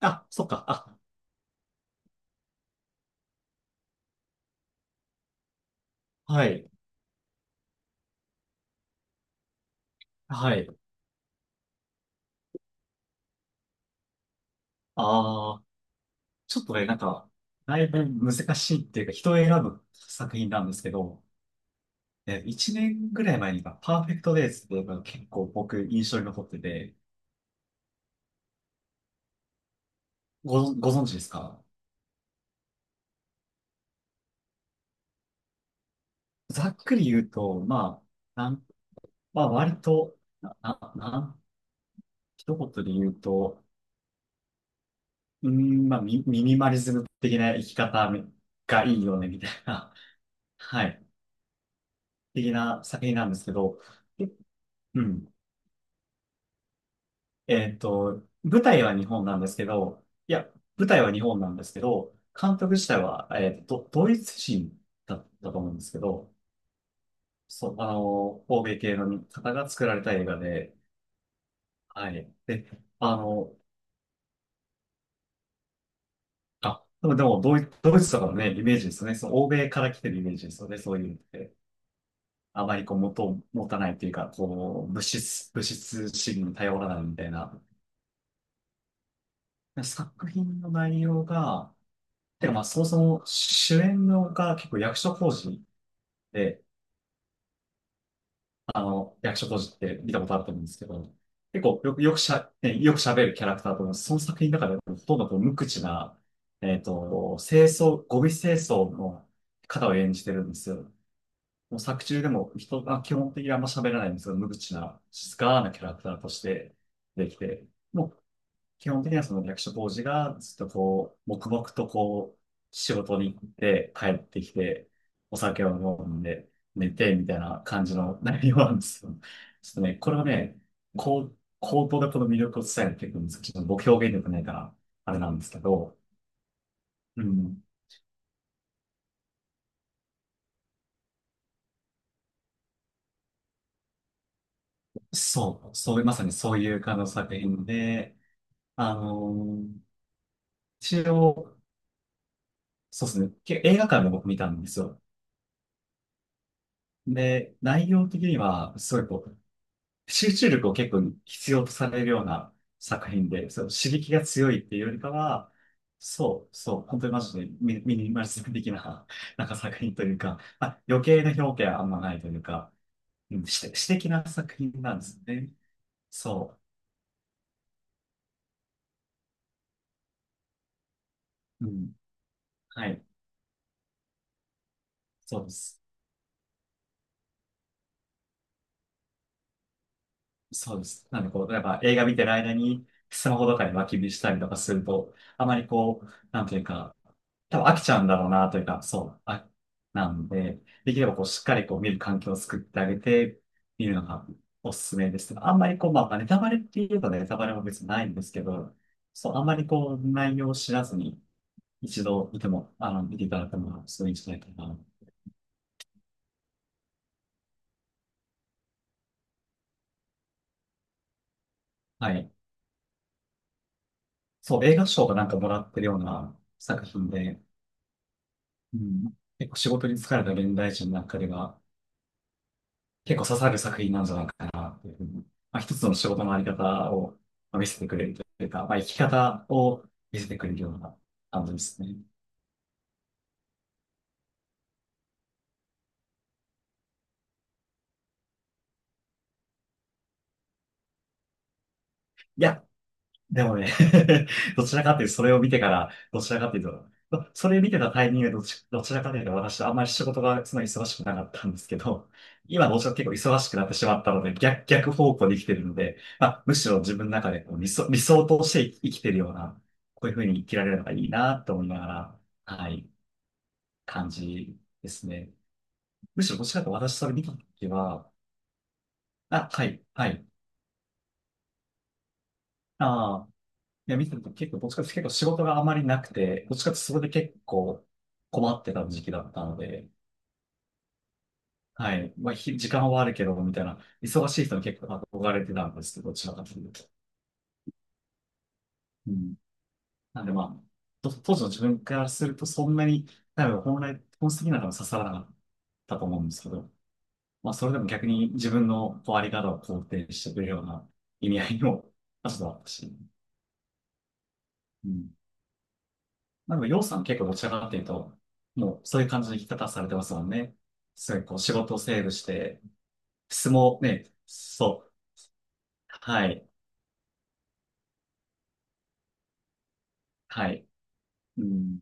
あ、そっか。あ、はい。はい。ああ、ちょっとね、だいぶ難しいっていうか、人を選ぶ作品なんですけど、1年ぐらい前にか、パーフェクトデイズっていうのが結構僕印象に残ってて、ご存知ですか？ざっくり言うと、あ、なん、まあ割と、な、な、なん一言で言うと、まあミニマリズム的な生き方がいいよね、みたいな、はい、的な作品なんですけど。うん。舞台は日本なんですけど、いや、舞台は日本なんですけど、監督自体は、ドイツ人だったと思うんですけど、そう、欧米系の方が作られた映画で、はい。で、あの、でも、ドイツとかのね、イメージですよね。その欧米から来てるイメージですよね。そういうのって。あまりこう、元を持たないというか、こう、物質主義に頼らないみたいな。作品の内容が、でもまあ、そもそも主演のが結構役所広司で、役所広司って見たことあると思うんですけど、結構よく、よくしゃ、ね、よく喋るキャラクターと思います。その作品の中でほとんどこう無口な、ゴミ清掃の方を演じてるんですよ。もう作中でも人が基本的にあんま喋らないんですけど、無口な、静かなキャラクターとしてできて、もう基本的にはその役所当時がずっとこう、黙々とこう、仕事に行って帰ってきて、お酒を飲んで寝てみたいな感じの内容なんですよ。ちょっとね、これはね、こう、口頭でこの魅力を伝えていくんですけど、ちょっと僕表現力ないから、あれなんですけど、うん。そう、そういう、まさにそういう感じの作品で、あのー一応、そうですね、映画館で僕見たんですよ。で、内容的には、すごいこう、集中力を結構必要とされるような作品で、そう、刺激が強いっていうよりかは、そう、そう、本当にマジでミニマリスト的な、なんか作品というか、まあ、余計な表現はあんまないというか、うん、詩的な作品なんですよね。そう、うん、はい、そうです。そうです。なんでこう、やっぱ映画見てる間にスマホとかに脇見したりとかすると、あまりこう、なんというか、多分飽きちゃうんだろうなというか、そう、あ、なんで、できればこう、しっかりこう見る環境を作ってあげて、見るのがおすすめですけど、あんまりこう、まあ、ネタバレって言えばネタバレも別にないんですけど、そう、あんまりこう、内容を知らずに、一度見ても、見ていただくのがすごいいいんじゃないかな。はい。そう、映画賞がなんかもらってるような作品で、うん、結構仕事に疲れた現代人の中では、結構刺さる作品なんじゃないかなっていうふうに、まあ、一つの仕事のあり方をまあ見せてくれるというか、まあ、生き方を見せてくれるような感じですね。いや、でもね、 どちらかというと、それを見てから、どちらかというと、それ見てたタイミングでどちらかというと、私、あんまり仕事がそんな忙しくなかったんですけど、今、どちらかというと結構忙しくなってしまったので、逆方向で生きてるので、まあ、むしろ自分の中でこう理想として生きてるような、こういうふうに生きられるのがいいなと思いながら、はい、感じですね。むしろ、どちらかというと私、それ見たときは、あ、はい、はい。あ。いや、見てると結構、どっちかっていうと結構仕事があまりなくて、どっちかっていうとそれで結構困ってた時期だったので、はい。まあ、時間はあるけど、みたいな、忙しい人に結構憧れてたんですけど、どちらかというと。うん。なんでまあ、と当時の自分からするとそんなに、多分本質的なのは刺さらなかったと思うんですけど、まあ、それでも逆に自分のこうあり方を肯定してくれるような意味合いも、まあ、そうだったし。うん、まあ、でも、洋さん結構どちらかっていうと、もうそういう感じの生き方されてますもんね。すごいこう仕事をセーブして、相撲ね、そう、はい、はい。うん、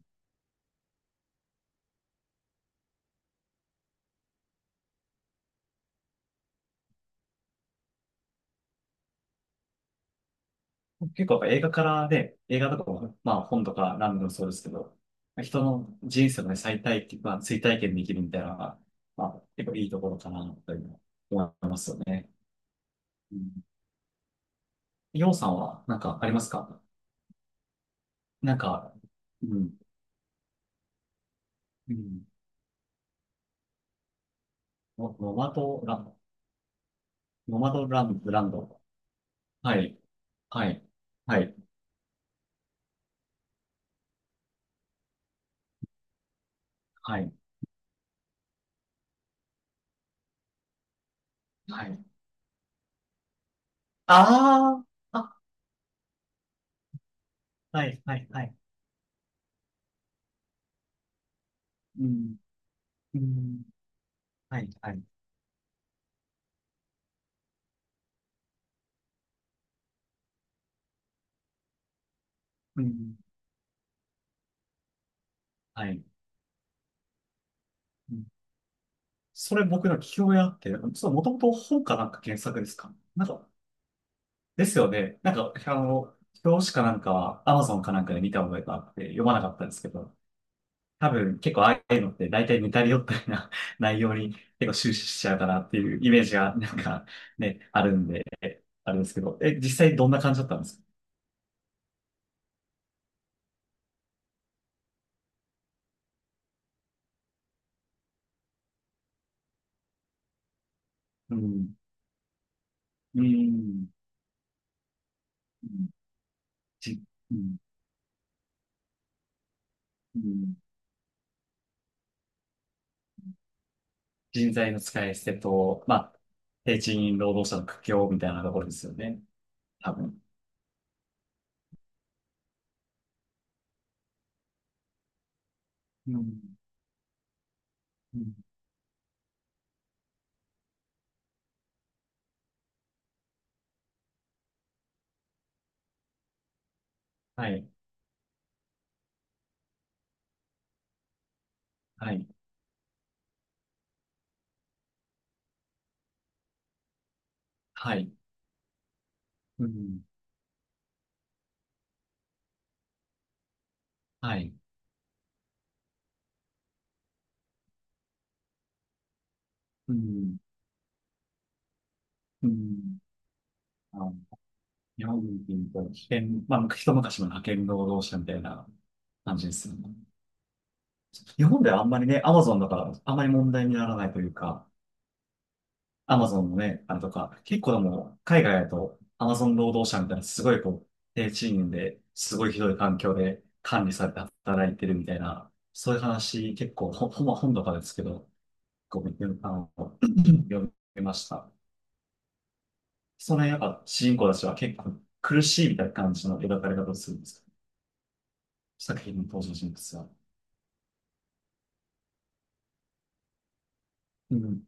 結構やっぱ映画からね、映画とかも、まあ本とかランでもそうですけど、人の人生のね、再体験、まあ追体験できるみたいなのが、まあ結構いいところかな、というのは思いますよね。うん、洋さんはなんかありますか？なんか、うん、うん、ノマドランド、ノマドランド、ランド。はい。はい。はい。はい。はい。ああ。あ、はい。はい。はい。うん。うん。はい。はい。うん。はい。うん、それ僕の聞き覚あって、ちょっともともと本かなんか原作ですか？なんか、ですよね。なんか、表紙かなんかは Amazon かなんかで見た覚えがあって読まなかったんですけど、多分結構ああいうのって大体似たり寄ったりな 内容に結構終始しちゃうかなっていうイメージがなんかね、あるんで、あれですけど、え、実際どんな感じだったんですか？うん。うん。うん。じ、うん。うん。人材の使い捨てと、まあ、低賃労働者の苦境みたいなところですよね。多分。うん。うん。はい。はい。はい。うん。はい。うん。うん。あの、日本でいうと、派遣、まあ、一昔前の派遣労働者みたいな感じですよね。日本ではあんまりね、アマゾンだからあんまり問題にならないというか、アマゾンのね、あれとか、結構でも、海外だと、アマゾン労働者みたいな、すごいこう、低賃金で、すごいひどい環境で管理されて働いてるみたいな、そういう話、結構、ほんま本とかですけど、こう、読みました。その辺、やっぱ、主人公たちは結構苦しいみたいな感じの描かれ方をするんですか？作品の登場人物は。うん、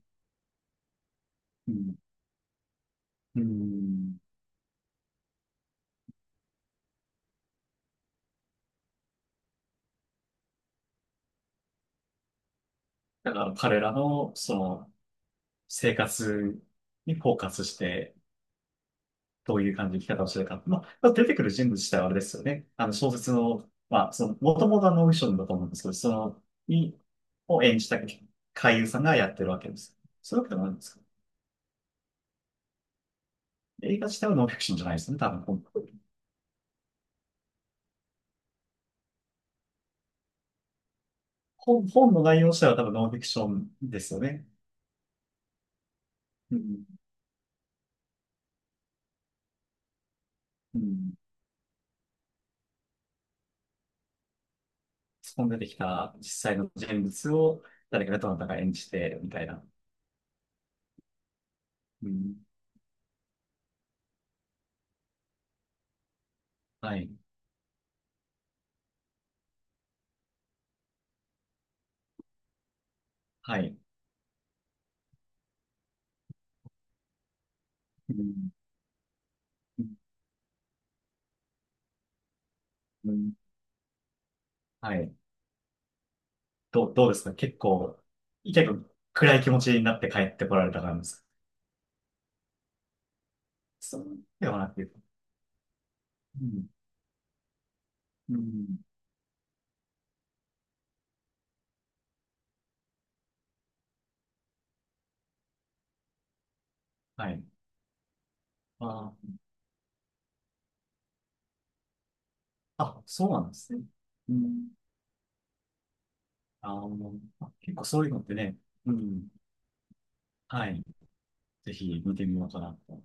うん、うん。だから、彼らの、その、生活にフォーカスして、どういう感じの生き方をしてるか。まあ、出てくる人物自体はあれですよね。小説の、まあ、その、もともとはノンフィクションだと思うんですけど、その、に、を演じた俳優さんがやってるわけです。そういうわけでもないんですか？映画自体はノンフィクションじゃないですよね、多分。本の内容自体は多分ノンフィクションですよね。うん。うん。そこに出てきた実際の人物を誰かがどなたか演じて、みたいな。うん。はい。はい。うん。うん。はい。どうですか？結構、結構暗い気持ちになって帰ってこられた感じですか？そうではなく、うん、うん、はい。あー、あ、そうなんですね。うん、あの、あ、結構そういうのってね、うん、はい。ぜひ見てみようかなと。